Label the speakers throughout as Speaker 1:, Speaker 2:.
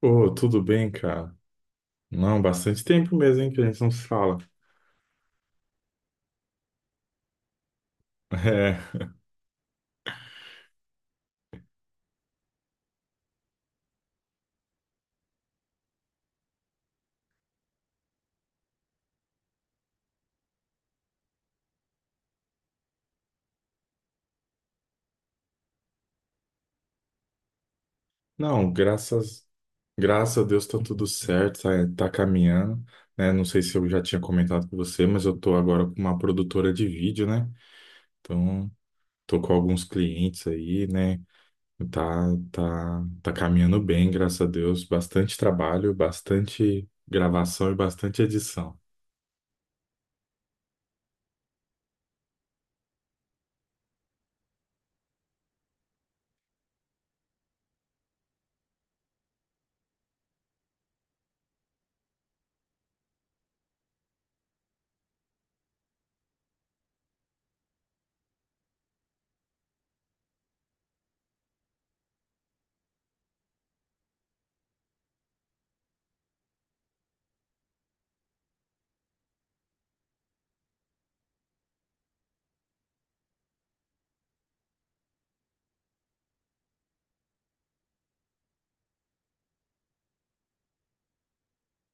Speaker 1: Ô, tudo bem, cara? Não, bastante tempo mesmo, hein, que a gente não se fala. É, não, graças, graças a Deus tá tudo certo, tá, tá caminhando, né? Não sei se eu já tinha comentado com você, mas eu tô agora com uma produtora de vídeo, né? Então, tô com alguns clientes aí, né? Tá, tá caminhando bem, graças a Deus. Bastante trabalho, bastante gravação e bastante edição.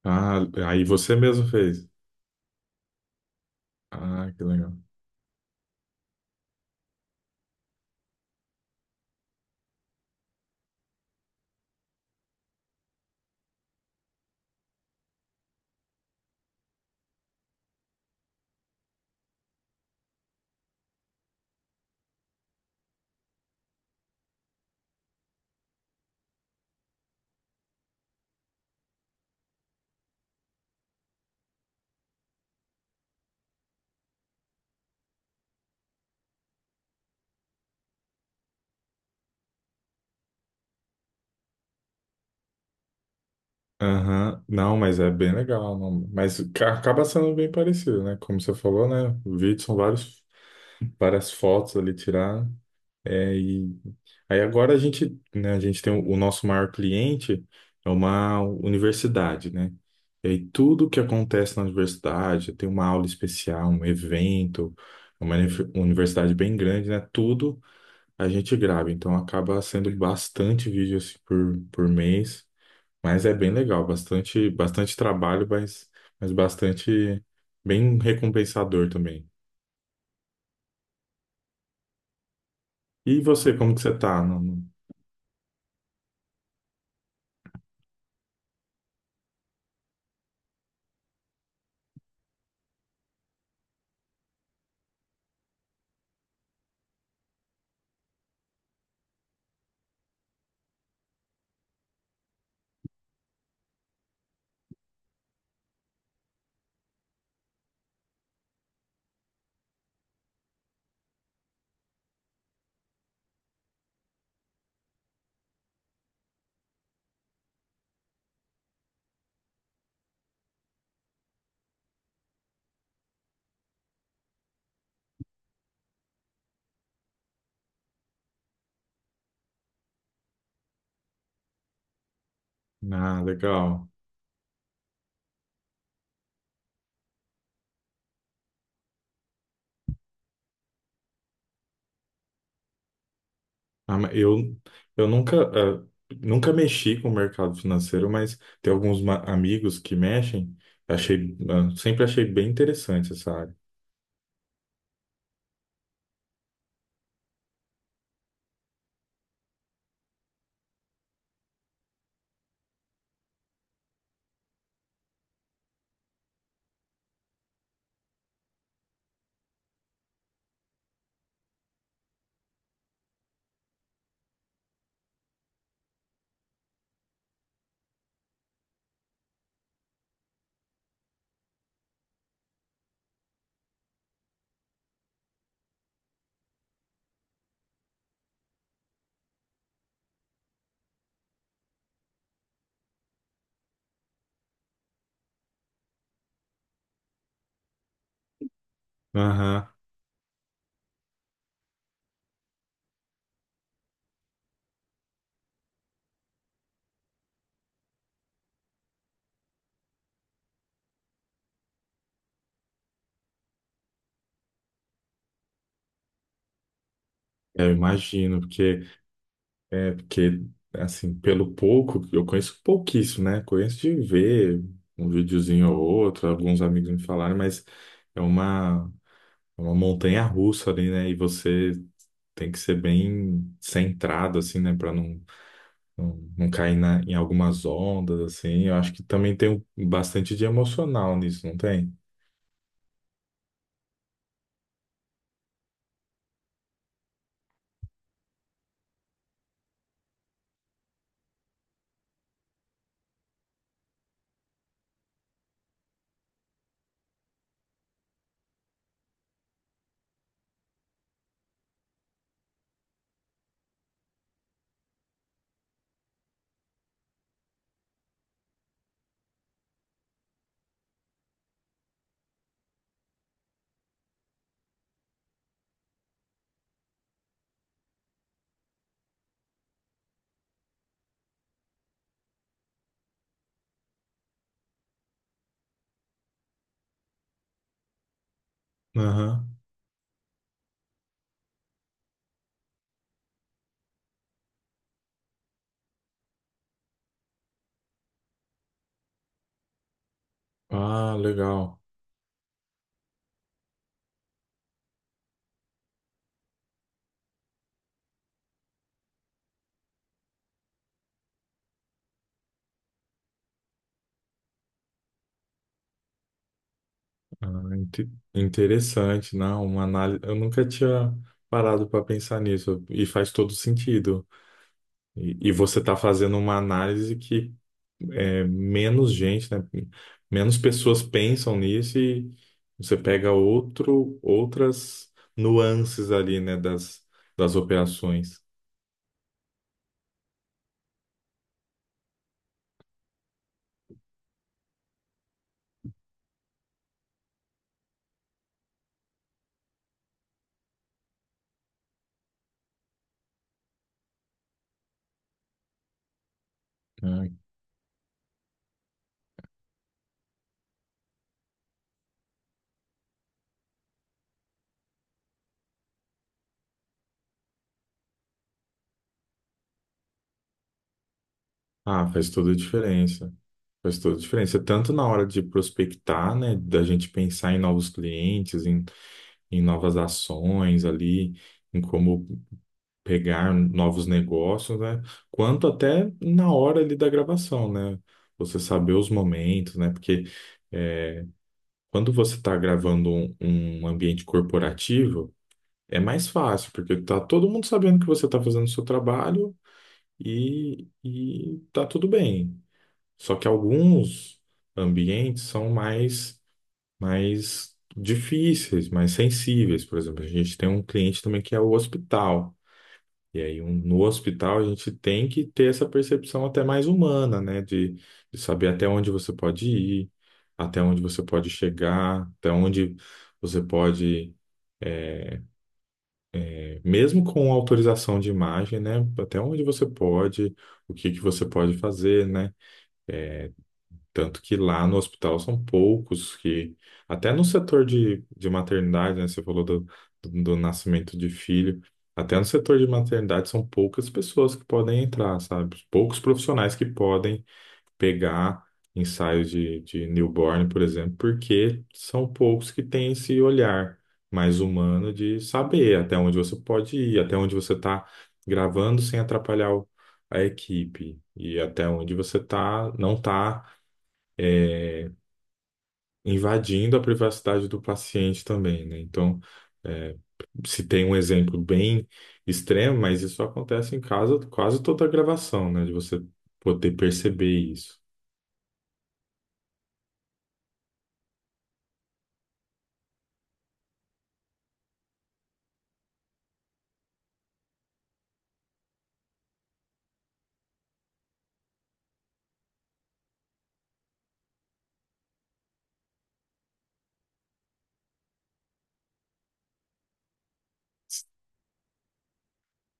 Speaker 1: Ah, aí você mesmo fez. Ah, que legal. Aham. Não, mas é bem legal. Não. Mas acaba sendo bem parecido, né? Como você falou, né? O vídeo são vários, várias fotos ali tirar. É, e aí agora a gente, né, a gente tem o nosso maior cliente é uma universidade, né? E aí tudo que acontece na universidade, tem uma aula especial, um evento, é uma universidade bem grande, né? Tudo a gente grava. Então acaba sendo bastante vídeo assim, por mês. Mas é bem legal, bastante, bastante trabalho, mas bastante bem recompensador também. E você, como que você tá? Ah, legal. Ah, mas eu, eu nunca, ah, nunca mexi com o mercado financeiro, mas tem alguns amigos que mexem. Achei, ah, sempre achei bem interessante essa área. Aham. É, eu imagino, porque é, porque, assim, pelo pouco, eu conheço pouquíssimo, né? Conheço de ver um videozinho ou outro, alguns amigos me falaram, mas é uma, é uma montanha russa ali, né? E você tem que ser bem centrado, assim, né? Pra não, não cair na, em algumas ondas, assim. Eu acho que também tem bastante de emocional nisso, não tem? Aham. Ah, legal. Interessante, não, uma análise. Eu nunca tinha parado para pensar nisso e faz todo sentido. E você está fazendo uma análise que é, menos gente, né? Menos pessoas pensam nisso e você pega outro, outras nuances ali, né? Das, das operações. Né? Ah, faz toda a diferença. Faz toda a diferença, tanto na hora de prospectar, né? Da gente pensar em novos clientes, em, em novas ações ali em como pegar novos negócios, né? Quanto até na hora ali da gravação, né? Você saber os momentos, né? Porque quando você está gravando um, um ambiente corporativo, é mais fácil, porque tá todo mundo sabendo que você está fazendo o seu trabalho e tá tudo bem. Só que alguns ambientes são mais, mais difíceis, mais sensíveis. Por exemplo, a gente tem um cliente também que é o hospital. E aí, no hospital, a gente tem que ter essa percepção até mais humana, né? De saber até onde você pode ir, até onde você pode chegar, até onde você pode, é, mesmo com autorização de imagem, né? Até onde você pode, o que que você pode fazer, né? Tanto que lá no hospital são poucos que, até no setor de maternidade, né? Você falou do, do nascimento de filho, até no setor de maternidade são poucas pessoas que podem entrar, sabe? Poucos profissionais que podem pegar ensaios de newborn, por exemplo, porque são poucos que têm esse olhar mais humano de saber até onde você pode ir, até onde você está gravando sem atrapalhar a equipe e até onde você tá, não está invadindo a privacidade do paciente também, né? Então, é, se tem um exemplo bem extremo, mas isso acontece em casa quase toda a gravação, né? De você poder perceber isso.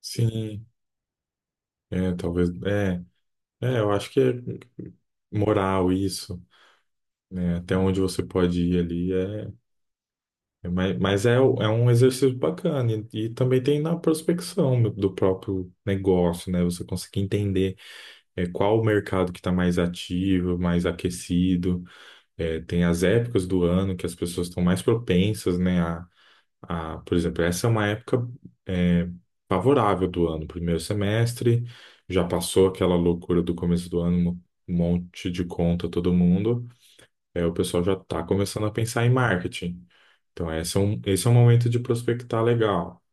Speaker 1: Sim, é, talvez, é, é, eu acho que é moral isso, né? Até onde você pode ir ali é, é mas é, é um exercício bacana e também tem na prospecção do próprio negócio, né? Você conseguir entender é, qual o mercado que está mais ativo, mais aquecido. É, tem as épocas do ano que as pessoas estão mais propensas, né? A, por exemplo, essa é uma época é, favorável do ano, primeiro semestre, já passou aquela loucura do começo do ano, um monte de conta todo mundo, é, o pessoal já está começando a pensar em marketing. Então, esse é um momento de prospectar legal.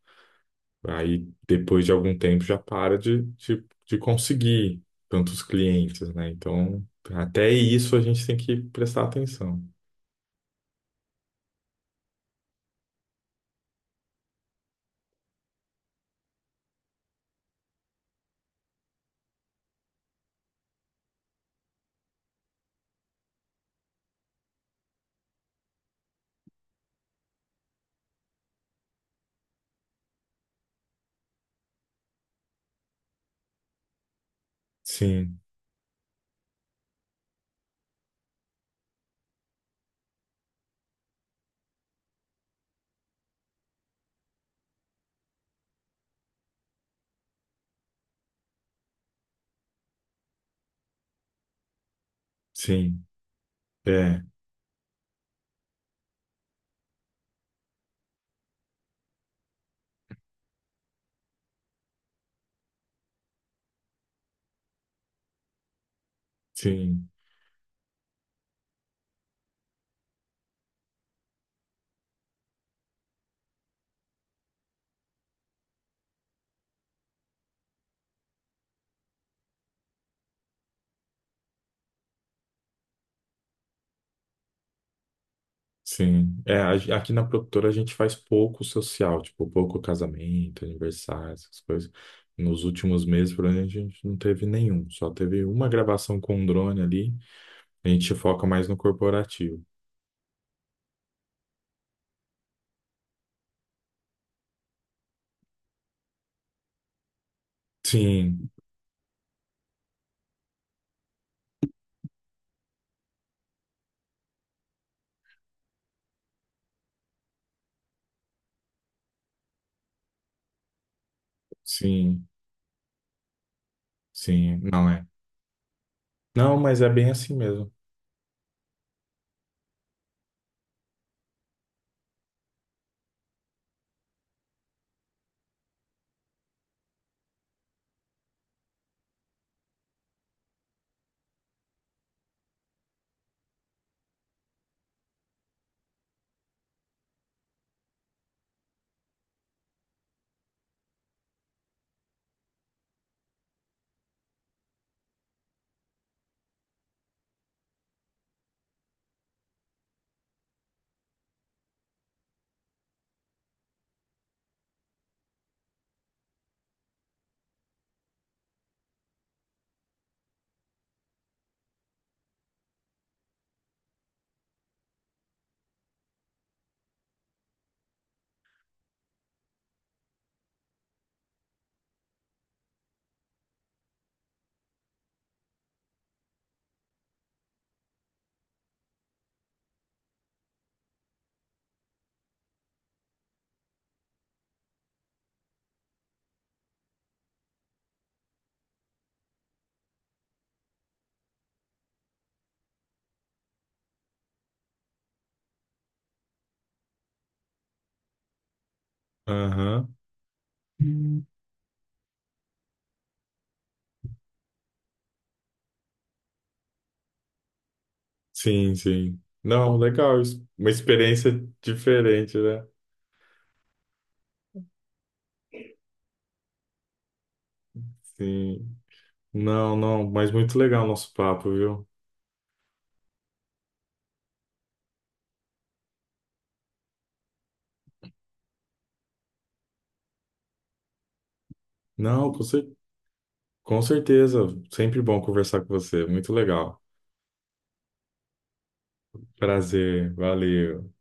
Speaker 1: Aí, depois de algum tempo, já para de conseguir tantos clientes, né? Então, até isso a gente tem que prestar atenção. Sim, sim, é, sim, sim. É, aqui na produtora a gente faz pouco social, tipo, pouco casamento, aniversário, essas coisas. Nos últimos meses, por exemplo, a gente não teve nenhum, só teve uma gravação com um drone ali. A gente foca mais no corporativo. Sim, sim, sim, não é. Não, mas é bem assim mesmo. Aham. Sim, sim. Não, legal. Uma experiência diferente, né? Sim. Não, não, mas muito legal o nosso papo, viu? Não, com certeza. Sempre bom conversar com você. Muito legal. Prazer. Valeu.